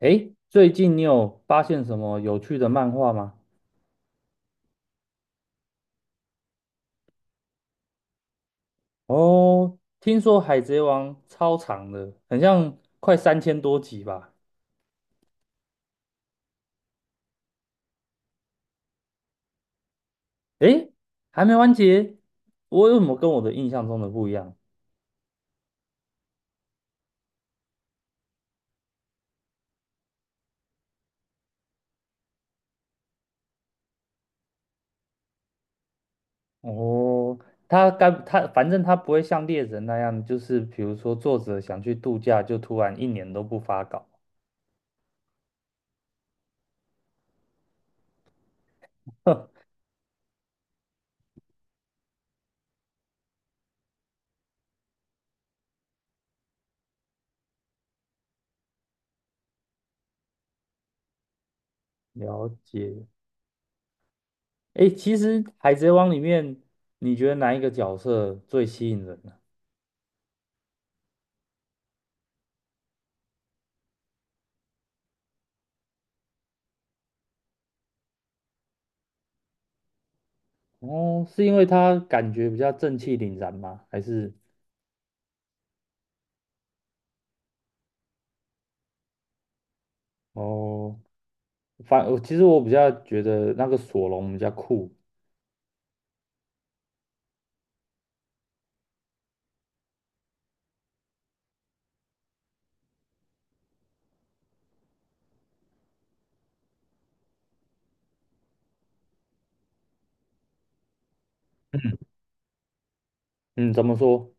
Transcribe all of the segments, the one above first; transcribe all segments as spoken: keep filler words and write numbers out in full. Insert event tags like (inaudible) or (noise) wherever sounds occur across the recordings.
诶，最近你有发现什么有趣的漫画吗？哦，听说《海贼王》超长的，很像快三千多集吧？诶，还没完结，我为什么跟我的印象中的不一样？哦，他该他反正他不会像猎人那样，就是比如说作者想去度假，就突然一年都不发稿。(laughs) 了解。诶，其实《海贼王》里面，你觉得哪一个角色最吸引人？呢？哦，是因为他感觉比较正气凛然吗？还是哦，反我其实我比较觉得那个索隆比较酷。嗯，怎么说？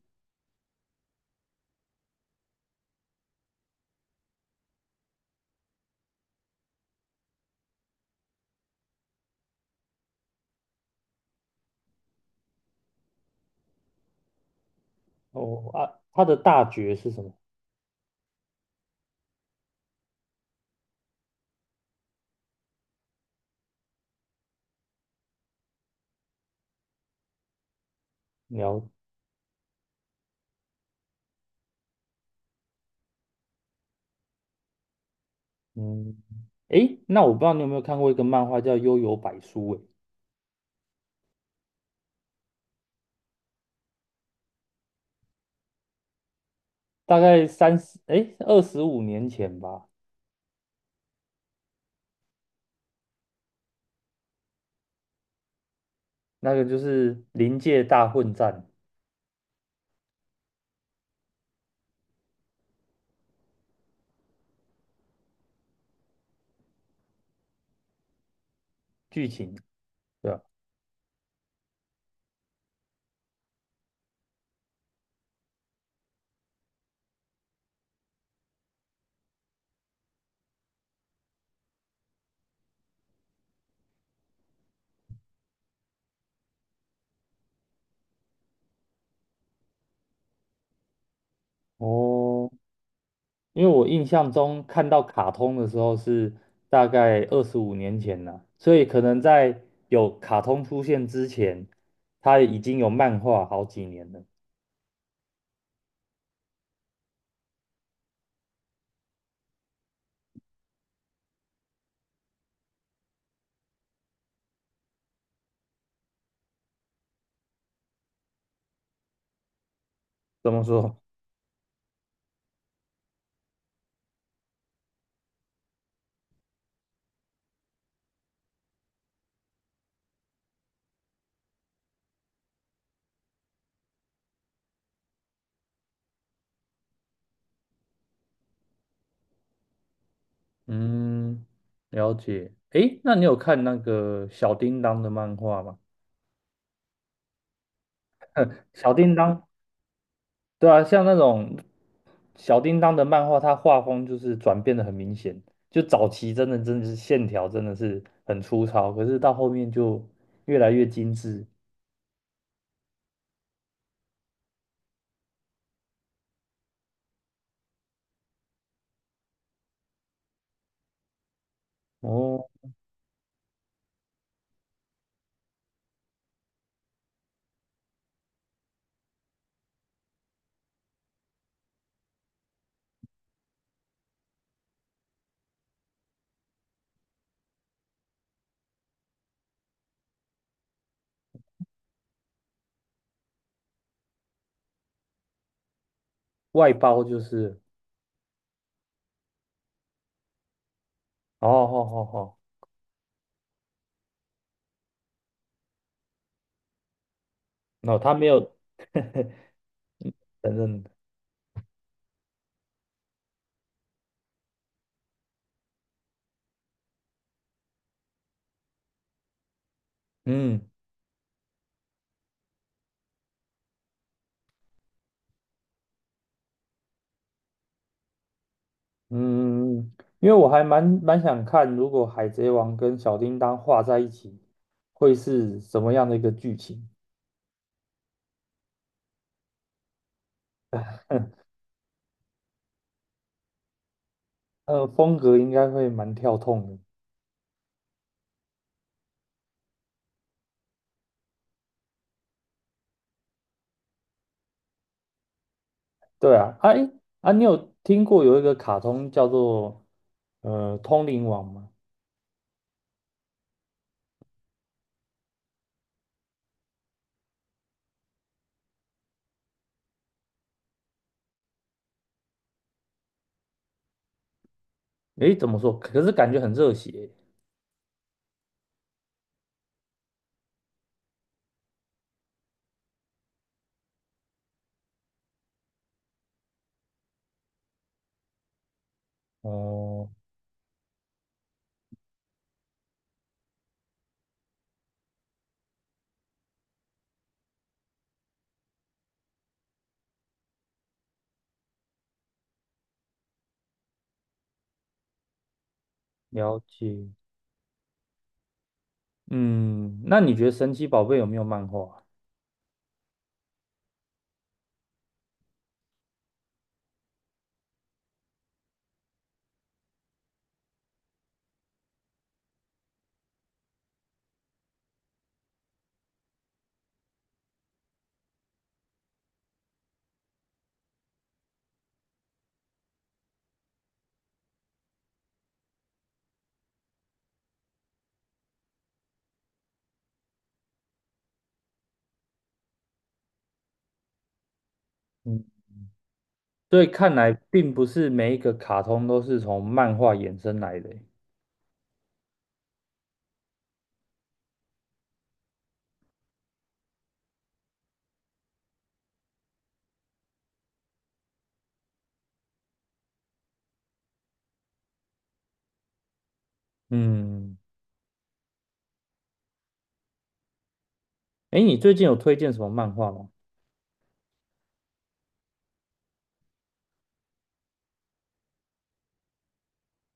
哦啊，他的大绝是什么？了，嗯，诶，那我不知道你有没有看过一个漫画叫《幽游百书》诶，大概三十诶二十五年前吧，那个就是临界大混战剧情，对吧？哦，因为我印象中看到卡通的时候是大概二十五年前了，所以可能在有卡通出现之前，它已经有漫画好几年了。怎么说？嗯，了解。诶，那你有看那个小叮当的漫画吗？小叮当，对啊，像那种小叮当的漫画，它画风就是转变的很明显。就早期真的真的是线条真的是很粗糙，可是到后面就越来越精致。哦。外包就是，哦好好好，那、他没有 (laughs) 承认的，嗯嗯嗯嗯嗯因为我还蛮蛮想看，如果海贼王跟小叮当画在一起，会是什么样的一个剧情？呃，风格应该会蛮跳痛的。对啊，哎啊，你有听过有一个卡通叫做呃《通灵王》吗？诶，怎么说？可是感觉很热血。哦，了解。嗯，那你觉得神奇宝贝有没有漫画？嗯。所以看来并不是每一个卡通都是从漫画衍生来的欸。嗯，哎，你最近有推荐什么漫画吗？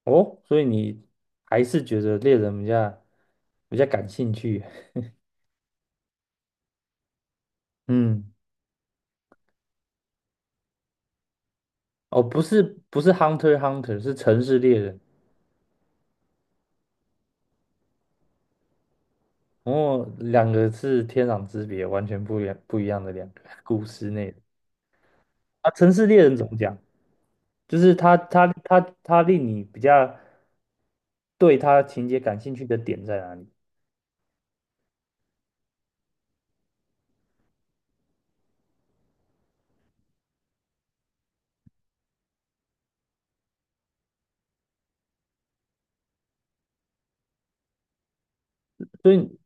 哦，所以你还是觉得猎人比较比较感兴趣。嗯，哦，不是不是 Hunter x Hunter，是城市猎人。哦，两个是天壤之别，完全不一样不一样的两个故事内容啊。城市猎人怎么讲？就是他他他他令你比较对他情节感兴趣的点在哪里？所以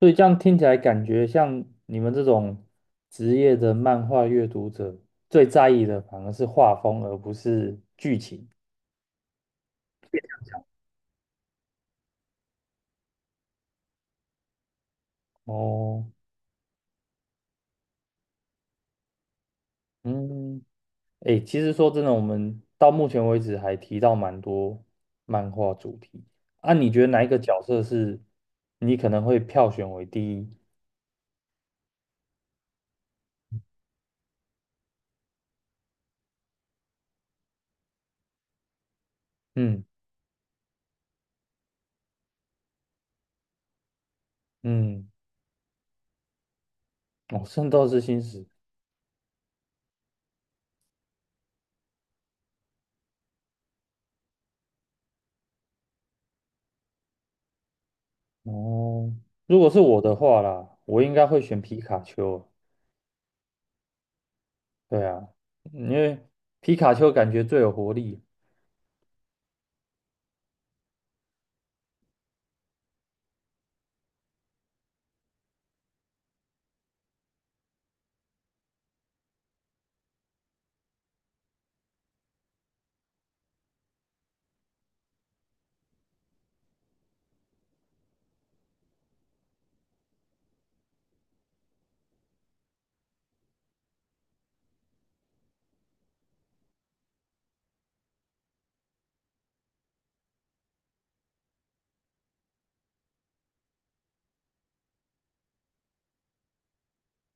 所以这样听起来，感觉像你们这种职业的漫画阅读者，最在意的反而是画风，而不是剧情。哦，嗯，诶，其实说真的，我们到目前为止还提到蛮多漫画主题。啊，你觉得哪一个角色是你可能会票选为第一？嗯嗯，哦，《圣斗士星矢》哦，如果是我的话啦，我应该会选皮卡丘啊。对啊，因为皮卡丘感觉最有活力。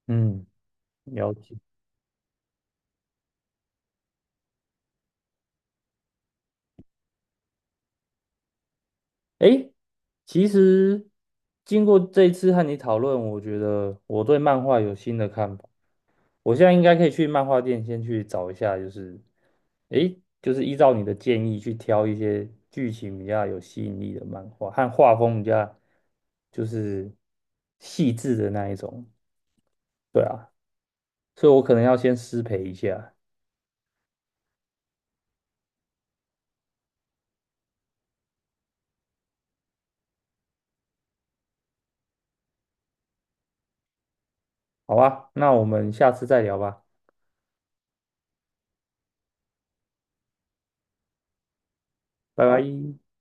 嗯，了解。诶，其实经过这一次和你讨论，我觉得我对漫画有新的看法。我现在应该可以去漫画店先去找一下，就是诶，就是依照你的建议去挑一些剧情比较有吸引力的漫画，和画风比较就是细致的那一种。对啊，所以我可能要先失陪一下，好吧？那我们下次再聊吧。拜拜。